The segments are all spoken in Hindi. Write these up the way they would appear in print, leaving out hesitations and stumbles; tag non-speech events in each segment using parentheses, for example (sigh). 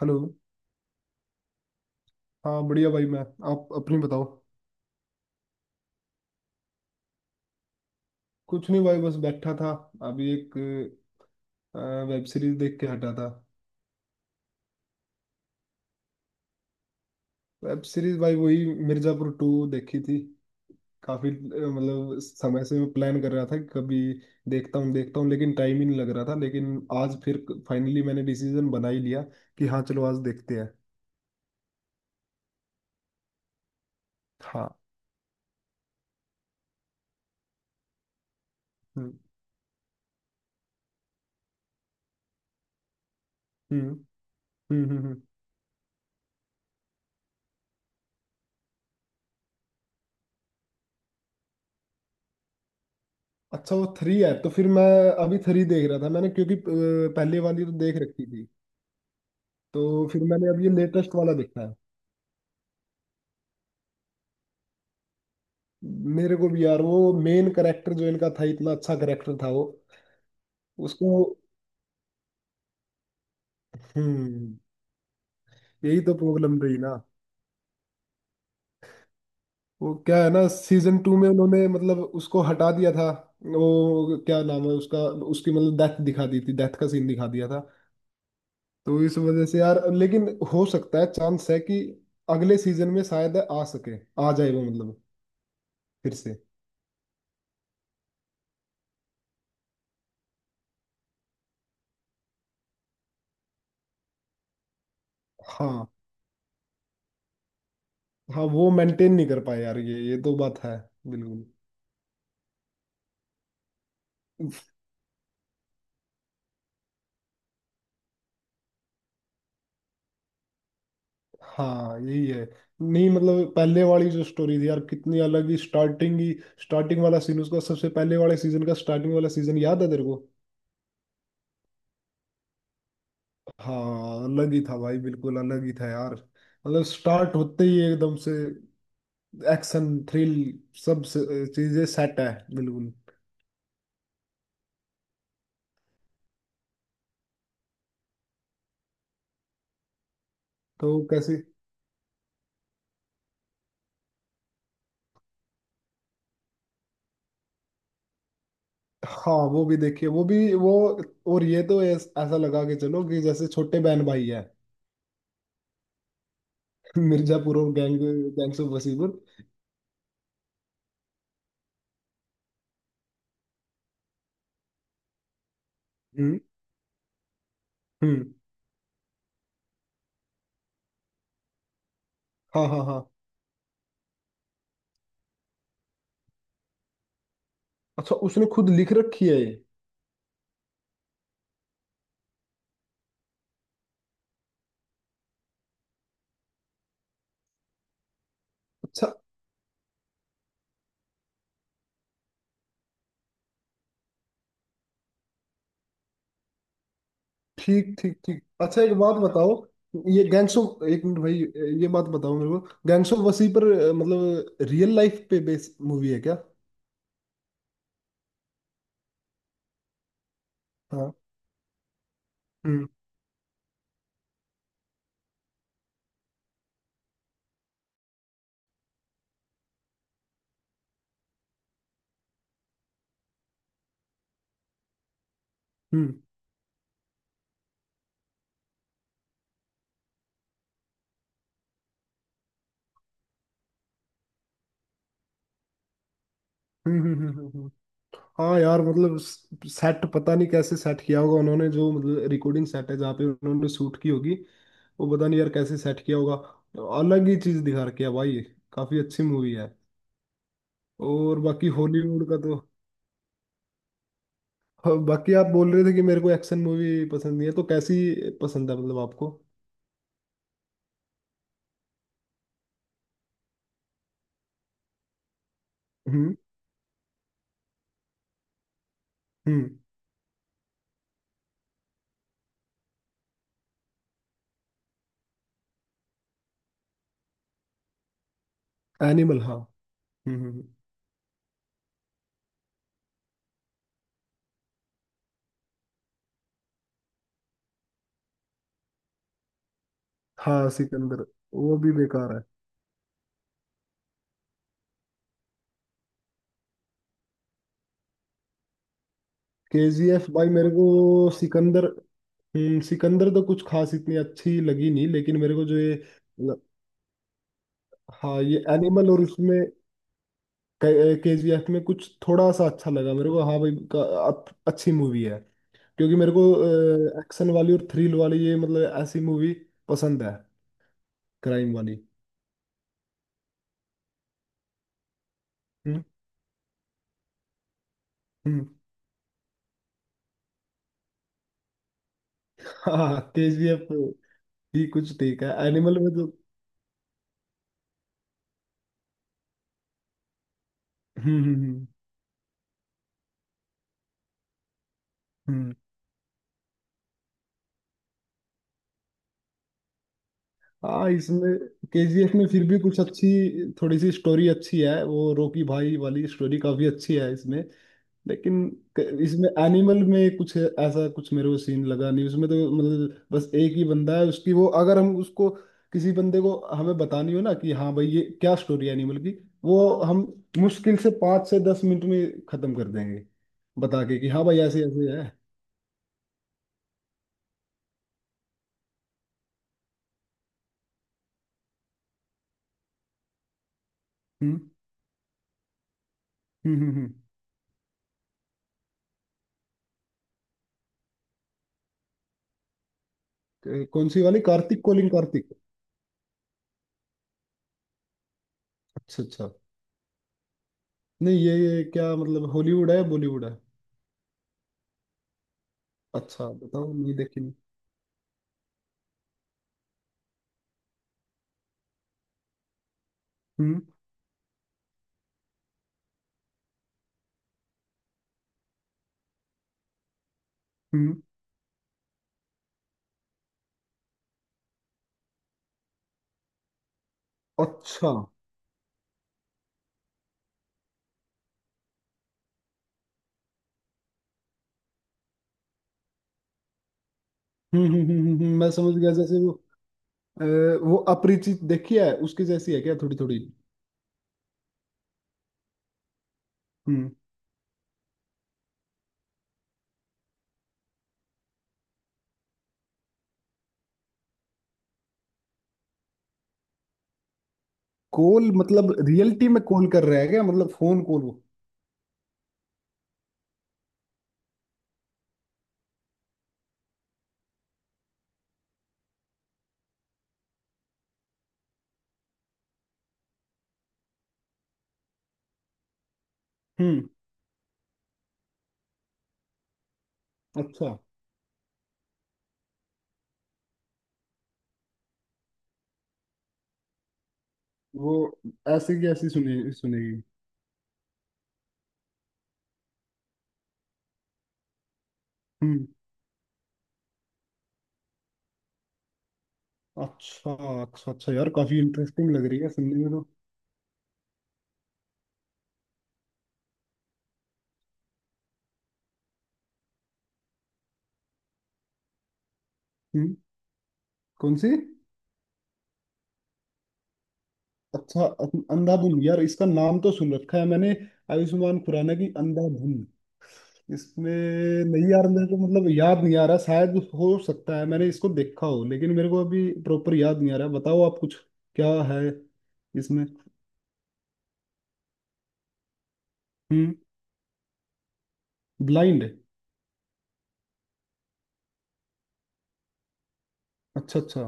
हेलो। हाँ, बढ़िया भाई। मैं, आप अपनी बताओ। कुछ नहीं भाई, बस बैठा था। अभी एक वेब सीरीज देख के हटा था। वेब सीरीज भाई वही मिर्जापुर टू देखी थी। काफी मतलब समय से मैं प्लान कर रहा था कि कभी देखता हूँ देखता हूँ, लेकिन टाइम ही नहीं लग रहा था। लेकिन आज फिर फाइनली मैंने डिसीजन बना ही लिया कि हाँ चलो आज देखते हैं। हाँ। हम्म, हम्म, हम्म, हम्म, अच्छा, वो थ्री है? तो फिर मैं अभी थ्री देख रहा था मैंने, क्योंकि पहले वाली तो देख रखी थी। तो फिर मैंने अब ये लेटेस्ट वाला देखा है। मेरे को भी यार वो मेन करेक्टर जो इनका था इतना अच्छा करेक्टर था वो, उसको। हम्म। यही तो प्रॉब्लम रही ना। वो क्या है ना, सीजन टू में उन्होंने मतलब उसको हटा दिया था। वो क्या नाम है उसका, उसकी मतलब डेथ दिखा दी थी, डेथ का सीन दिखा दिया था। तो इस वजह से यार, लेकिन हो सकता है, चांस है कि अगले सीजन में शायद आ सके, आ जाए वो मतलब फिर से। हाँ। हाँ वो मेंटेन नहीं कर पाए यार, ये तो बात है। बिल्कुल। हाँ यही है। नहीं मतलब पहले वाली जो स्टोरी थी यार, कितनी अलग ही स्टार्टिंग ही। स्टार्टिंग वाला सीन उसका, सबसे पहले वाले सीजन का स्टार्टिंग वाला सीजन, याद है तेरे को? हाँ अलग ही था भाई, बिल्कुल अलग ही था यार। मतलब स्टार्ट होते ही एकदम से एक्शन, थ्रिल, सब से- चीजें सेट है। बिल्कुल। तो कैसे? हाँ वो भी देखिए, वो भी वो। और ये तो ऐसा लगा के चलो कि जैसे छोटे बहन भाई है (laughs) मिर्जापुर और गैंग, गैंग्स ऑफ वसीपुर। हम्म, हम्म। हाँ, हाँ, हाँ। अच्छा, उसने खुद लिख रखी है ये? अच्छा। ठीक, ठीक, ठीक। अच्छा एक बात बताओ, ये गैंग्स ऑफ, एक मिनट भाई। ये बात बताओ मेरे को, गैंग्स ऑफ वसी पर, मतलब रियल लाइफ पे बेस मूवी है क्या? हाँ। हम्म, हम्म, हम्म, हम्म, हाँ यार, मतलब सेट पता नहीं कैसे सेट किया होगा उन्होंने, जो मतलब रिकॉर्डिंग सेट है जहाँ पे उन्होंने शूट की होगी, वो पता नहीं यार कैसे सेट किया होगा। अलग ही चीज दिखा रखी है भाई, काफी अच्छी मूवी है। और बाकी हॉलीवुड का तो, हाँ, बाकी आप बोल रहे थे कि मेरे को एक्शन मूवी पसंद नहीं है, तो कैसी पसंद है मतलब आपको? हम्म, हम्म। एनिमल, हाँ। हम्म, हाँ सिकंदर वो भी बेकार है। केजीएफ भाई, मेरे को सिकंदर, हम्म, सिकंदर तो कुछ खास इतनी अच्छी लगी नहीं। लेकिन मेरे को जो ये ल- हाँ ये एनिमल, और उसमें केजीएफ में कुछ थोड़ा सा अच्छा लगा मेरे को। हाँ भाई अच्छी मूवी है। क्योंकि मेरे को एक्शन वाली और थ्रिल वाली ये मतलब ऐसी मूवी पसंद है, क्राइम वाली। हम्म। हम्म। हाँ केजीएफ भी कुछ ठीक है, एनिमल में जो, हम्म, हम्म, हम्म, हम्म। हाँ इसमें केजीएफ में फिर भी कुछ अच्छी, थोड़ी सी स्टोरी अच्छी है, वो रोकी भाई वाली स्टोरी काफी अच्छी है इसमें। लेकिन इसमें एनिमल में कुछ ऐसा कुछ मेरे को सीन लगा नहीं उसमें। तो मतलब बस एक ही बंदा है, उसकी वो अगर हम उसको, किसी बंदे को हमें बतानी हो ना कि हाँ भाई ये क्या स्टोरी है एनिमल की, वो हम मुश्किल से 5 से 10 मिनट में खत्म कर देंगे, बता के कि हाँ भाई ऐसे ऐसे है। हम्म, हम्म, हम्म, कौन सी वाली, कार्तिक कोलिंग कार्तिक? अच्छा, अच्छा। नहीं ये, क्या मतलब, हॉलीवुड है, बॉलीवुड है? अच्छा बताओ, नहीं देखी नहीं। हम्म, हम्म। अच्छा। हम्म, हम्म, हम्म, मैं समझ गया, जैसे वो अ, वो अपरिचित देखी है उसकी, जैसी है क्या थोड़ी थोड़ी? हम्म। कॉल मतलब रियलिटी में कॉल कर रहा है क्या, मतलब फोन कॉल वो? हम्म। अच्छा, वो ऐसे की ऐसी सुने सुनेगी? हम्म। अच्छा, अच्छा। अच्छा यार, काफी इंटरेस्टिंग लग रही है सुनने में तो। हम्म। कौन सी? अच्छा अंधाधुन, यार इसका नाम तो सुन रखा है मैंने, आयुष्मान खुराना की अंधाधुन। इसमें, नहीं यार मेरे को मतलब याद नहीं आ रहा। शायद हो सकता है मैंने इसको देखा हो, लेकिन मेरे को अभी प्रॉपर याद नहीं आ रहा। बताओ आप, कुछ क्या है इसमें? हम्म। ब्लाइंड? अच्छा, अच्छा।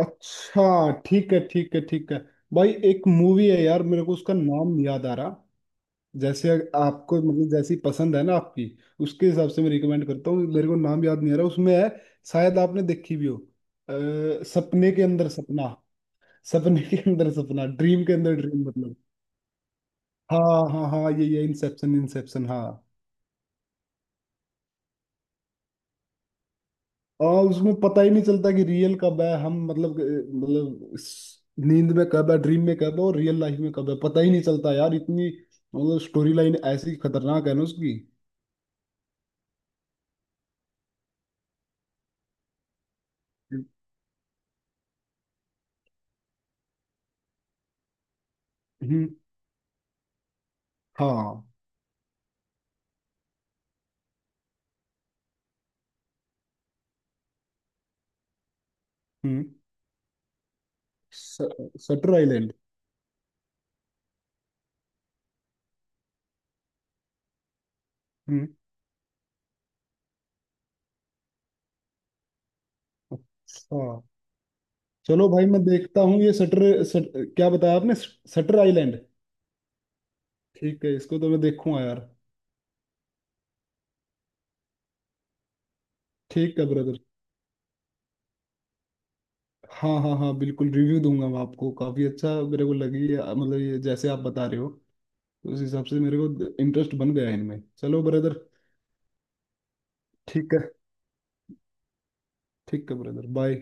अच्छा, ठीक है, ठीक है, ठीक है। भाई एक मूवी है यार, मेरे को उसका नाम नहीं याद आ रहा, जैसे आपको मतलब जैसी पसंद है ना आपकी, उसके हिसाब से मैं रिकमेंड करता हूँ। मेरे को नाम याद नहीं आ रहा, उसमें है, शायद आपने देखी भी हो। अ, सपने के अंदर सपना, सपने के अंदर सपना, ड्रीम के अंदर ड्रीम, मतलब। हाँ, हाँ, हाँ, ये ये इंसेप्शन इंसेप्शन, हाँ। और उसमें पता ही नहीं चलता कि रियल कब है, हम मतलब मतलब इस नींद में कब है, ड्रीम में कब है, और रियल लाइफ में कब है, पता ही नहीं चलता यार। इतनी मतलब स्टोरी लाइन ऐसी खतरनाक है ना उसकी। हम्म। हाँ। हम्म। स- सटर आइलैंड। हम्म। अच्छा, चलो भाई मैं देखता हूँ ये सटर, सट क्या बताया आपने, सटर आइलैंड? ठीक है, इसको तो मैं देखूंगा यार। ठीक है ब्रदर। हाँ, हाँ, हाँ, बिल्कुल रिव्यू दूंगा मैं आपको। काफी अच्छा मेरे को लगी है, मतलब ये जैसे आप बता रहे हो, तो उस हिसाब से मेरे को इंटरेस्ट बन गया है इनमें। चलो ब्रदर, ठीक है। ठीक है ब्रदर, बाय।